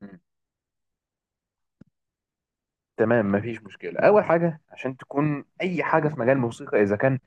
مم. تمام، مفيش مشكلة. أول حاجة عشان تكون أي حاجة في مجال الموسيقى، إذا كان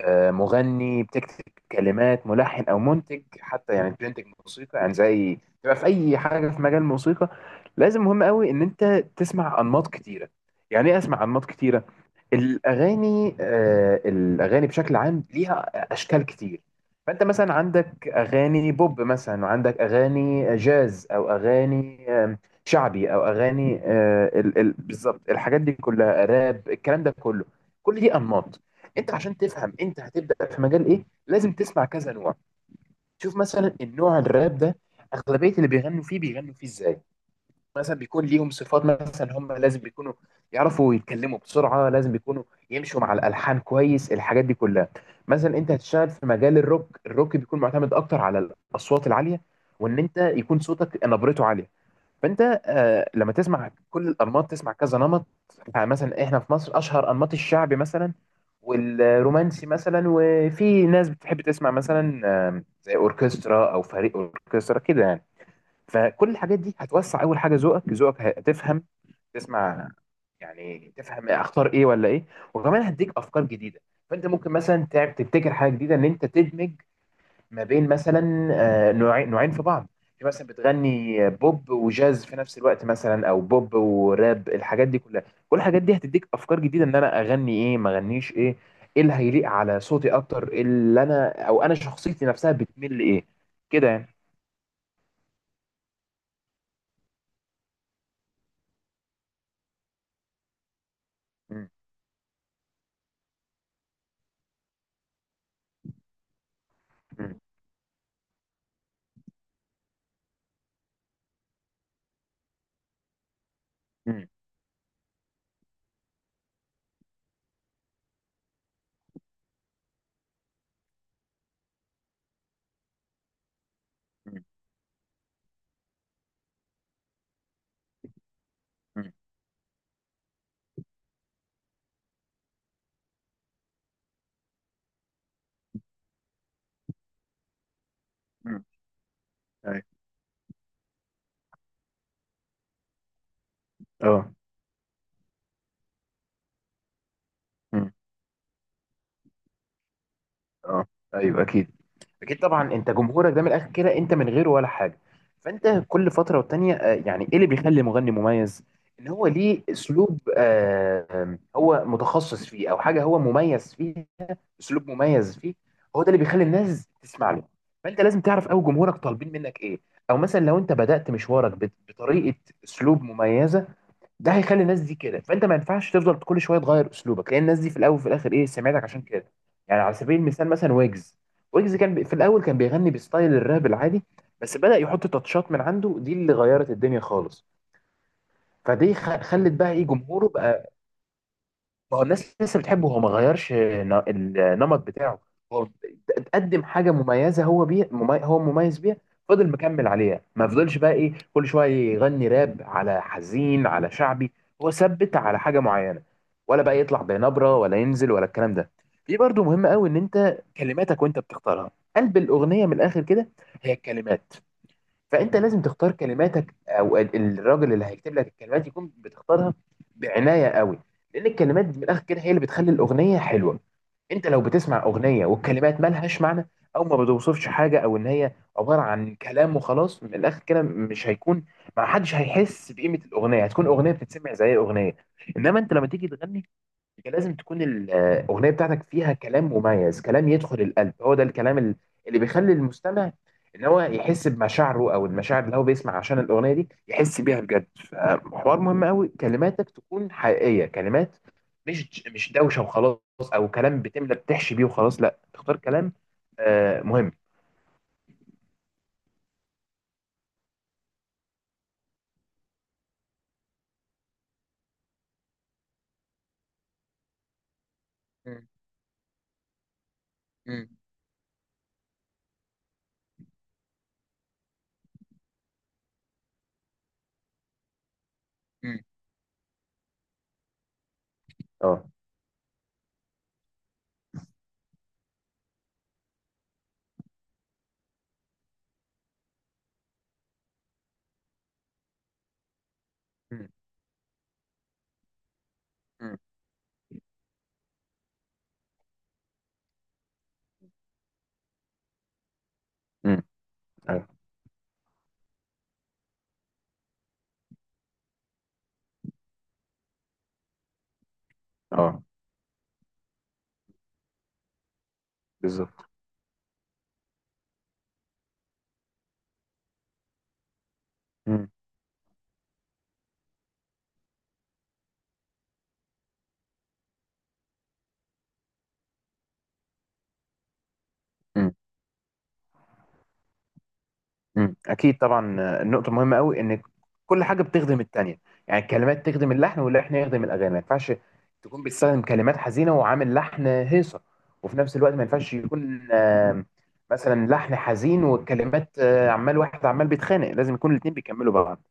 مغني بتكتب كلمات، ملحن أو منتج، حتى يعني بتنتج موسيقى، يعني زي، تبقى في أي حاجة في مجال الموسيقى لازم مهم قوي إن أنت تسمع أنماط كتيرة. يعني إيه أسمع أنماط كتيرة؟ الأغاني بشكل عام ليها أشكال كتير. فأنت مثلا عندك أغاني بوب مثلا، وعندك أغاني جاز، أو أغاني شعبي، أو أغاني بالظبط الحاجات دي كلها، راب، الكلام ده كله، كل دي أنماط. أنت عشان تفهم أنت هتبدأ في مجال إيه لازم تسمع كذا نوع. شوف مثلا النوع الراب ده، أغلبية اللي بيغنوا فيه بيغنوا فيه إزاي. مثلا بيكون ليهم صفات، مثلا هم لازم بيكونوا يعرفوا يتكلموا بسرعة، لازم بيكونوا يمشوا مع الألحان كويس، الحاجات دي كلها. مثلا انت هتشتغل في مجال الروك، الروك بيكون معتمد اكتر على الأصوات العالية، وان انت يكون صوتك نبرته عالية. فانت لما تسمع كل الأنماط تسمع كذا نمط. مثلا احنا في مصر اشهر انماط الشعبي مثلا، والرومانسي مثلا، وفي ناس بتحب تسمع مثلا زي اوركسترا او فريق اوركسترا كده يعني. فكل الحاجات دي هتوسع اول حاجه ذوقك ذوقك هتفهم تسمع، يعني تفهم اختار ايه ولا ايه. وكمان هديك افكار جديده. فانت ممكن مثلا تعب تبتكر حاجه جديده ان انت تدمج ما بين مثلا نوعين نوعين في بعض. في مثلا بتغني بوب وجاز في نفس الوقت مثلا، او بوب وراب، الحاجات دي كلها. كل الحاجات دي هتديك افكار جديده، ان انا اغني ايه، ما اغنيش ايه، ايه اللي هيليق على صوتي اكتر، إيه اللي انا او انا شخصيتي نفسها بتميل لايه، كده يعني. م- م- م- م- م. مم. أيوة. اه. مم. اه، ايوه، اكيد. اكيد طبعا انت جمهورك ده من الاخر كده انت من غيره ولا حاجه. فانت كل فتره والتانيه يعني ايه اللي بيخلي مغني مميز؟ ان هو ليه اسلوب، آه، آم، هو متخصص فيه او حاجه هو مميز فيه، اسلوب مميز فيه، هو ده اللي بيخلي الناس تسمع له. فانت لازم تعرف قوي جمهورك طالبين منك ايه. او مثلا لو انت بدأت مشوارك بطريقه، اسلوب مميزه، ده هيخلي الناس دي كده. فانت ما ينفعش تفضل كل شويه تغير اسلوبك، لان الناس دي في الاول وفي الاخر ايه، سمعتك، عشان كده. يعني على سبيل المثال مثلا ويجز، ويجز كان في الاول كان بيغني بستايل الراب العادي، بس بدأ يحط تاتشات من عنده، دي اللي غيرت الدنيا خالص. فدي خلت بقى ايه جمهوره بقى. ما هو الناس لسه بتحبه، هو ما غيرش النمط بتاعه. هو قدم حاجه مميزه، هو مميز بيها. فضل مكمل عليها، ما فضلش بقى ايه كل شويه يغني راب على حزين على شعبي، هو ثبت على حاجه معينه، ولا بقى يطلع بنبره ولا ينزل ولا الكلام ده. في برضو مهم قوي ان انت كلماتك وانت بتختارها، قلب الاغنيه من الاخر كده هي الكلمات. فانت لازم تختار كلماتك، او الراجل اللي هيكتب لك الكلمات يكون بتختارها بعنايه قوي، لان الكلمات من الاخر كده هي اللي بتخلي الاغنيه حلوه. انت لو بتسمع اغنيه والكلمات مالهاش معنى، او ما بتوصفش حاجه، او ان هي عباره عن كلام وخلاص، من الاخر كده مش هيكون، ما حدش هيحس بقيمه الاغنيه، هتكون اغنيه بتتسمع زي اغنيه. انما انت لما تيجي تغني، انت لازم تكون الاغنيه بتاعتك فيها كلام مميز، كلام يدخل القلب، هو ده الكلام اللي بيخلي المستمع ان هو يحس بمشاعره، او المشاعر اللي هو بيسمع عشان الاغنيه دي يحس بيها بجد. فحوار مهم قوي كلماتك تكون حقيقيه، كلمات مش دوشه وخلاص، او كلام بتملى، بتحشي بيه وخلاص، لا، تختار كلام مهم. مم. مم. مم. اه. مم. مم. امم. ايوه. اه. بالظبط. امم. مم. اكيد طبعا النقطه مهمه قوي ان كل حاجه بتخدم التانيه، يعني الكلمات تخدم اللحن، واللحن يخدم الاغاني. ما ينفعش تكون بتستخدم كلمات حزينه وعامل لحن هيصه، وفي نفس الوقت ما ينفعش يكون مثلا لحن حزين والكلمات عمال واحد عمال بيتخانق، لازم يكون الاتنين بيكملوا بعض.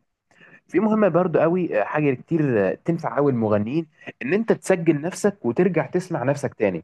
في مهمة برضو قوي، حاجة كتير تنفع قوي المغنيين، ان انت تسجل نفسك وترجع تسمع نفسك تاني.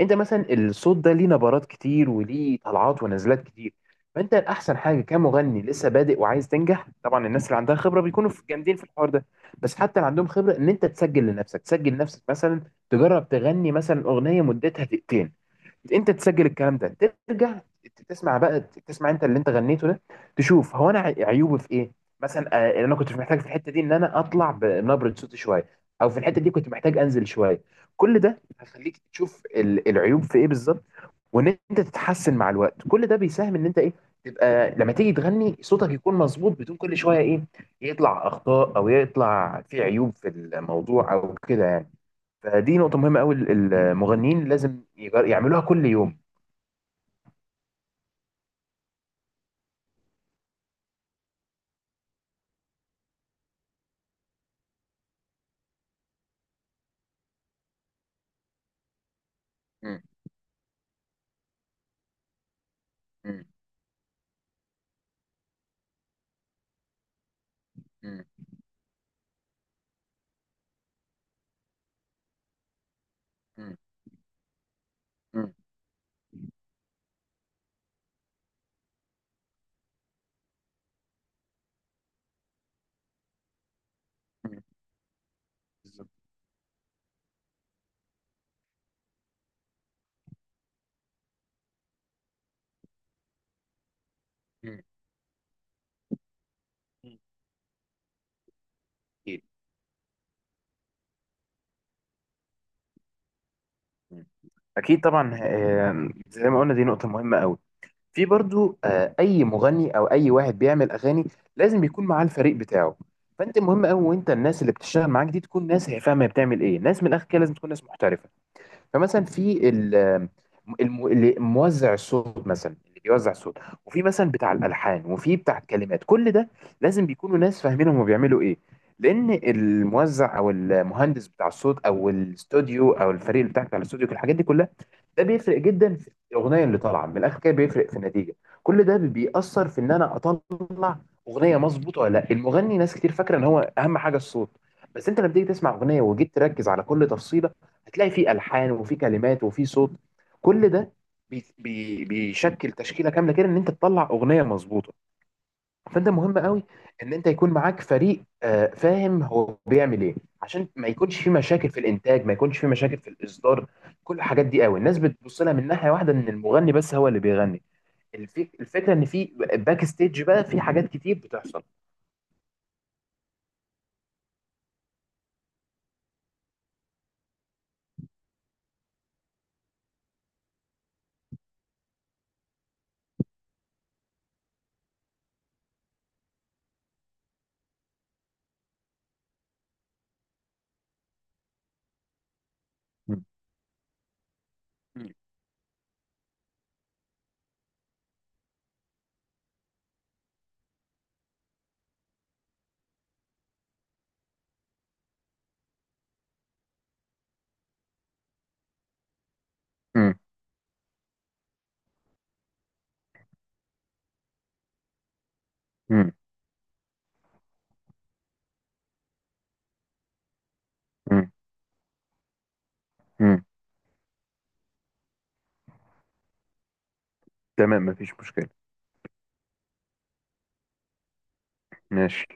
انت مثلا الصوت ده ليه نبرات كتير، وليه طلعات ونزلات كتير. فانت الاحسن حاجة كمغني لسه بادئ وعايز تنجح، طبعا الناس اللي عندها خبرة بيكونوا جامدين في الحوار ده، بس حتى اللي عندهم خبرة، ان انت تسجل لنفسك، تسجل نفسك مثلا تجرب تغني مثلا اغنية مدتها دقيقتين، انت تسجل الكلام ده، ترجع تسمع بقى، تسمع انت اللي انت غنيته ده، تشوف هو انا عيوبه في ايه. مثلا اللي انا كنت محتاج في الحته دي ان انا اطلع بنبره صوتي شويه، او في الحته دي كنت محتاج انزل شويه. كل ده هيخليك تشوف العيوب في ايه بالظبط، وان انت تتحسن مع الوقت. كل ده بيساهم ان انت ايه، تبقى لما تيجي تغني صوتك يكون مظبوط، بدون كل شويه ايه، يطلع اخطاء او يطلع في عيوب في الموضوع، او كده يعني. فدي نقطه مهمه قوي المغنيين لازم يعملوها كل يوم. مم. مم. مم. مم. مم. مم. بالظبط. مم. مم. أكيد. مم. أكيد طبعا، زي ما قلنا دي نقطة مهمة أوي. في برضو أي مغني أو أي واحد بيعمل أغاني لازم يكون معاه الفريق بتاعه. فأنت مهم أوي، وأنت الناس اللي بتشتغل معاك دي تكون ناس هي فاهمة هي بتعمل إيه، ناس من الآخر كده لازم تكون ناس محترفة. فمثلا في اللي موزع الصوت مثلا، اللي بيوزع الصوت، وفي مثلا بتاع الالحان، وفي بتاع الكلمات، كل ده لازم بيكونوا ناس فاهمين هم بيعملوا ايه، لان الموزع او المهندس بتاع الصوت او الاستوديو او الفريق اللي بتاعك على الاستوديو، الحاجات دي كلها ده بيفرق جدا في الاغنيه اللي طالعه، من الاخر كده بيفرق في النتيجه. كل ده بيأثر في ان انا اطلع اغنيه مظبوطه ولا لا. المغني ناس كتير فاكره ان هو اهم حاجه الصوت، بس انت لما تيجي تسمع اغنيه وجيت تركز على كل تفصيله، هتلاقي فيه الحان وفيه كلمات وفيه صوت. كل ده بي بي بيشكل تشكيله كامله كده ان انت تطلع اغنيه مظبوطه. فانت مهم قوي ان انت يكون معاك فريق فاهم هو بيعمل ايه، عشان ما يكونش في مشاكل في الانتاج، ما يكونش في مشاكل في الاصدار. كل الحاجات دي قوي الناس بتبص لها من ناحيه واحده، ان المغني بس هو اللي بيغني، الفكره ان في باك ستيج بقى في حاجات كتير بتحصل. مم. مم. مم. مم. مم. تمام، مفيش مشكله. ماشي.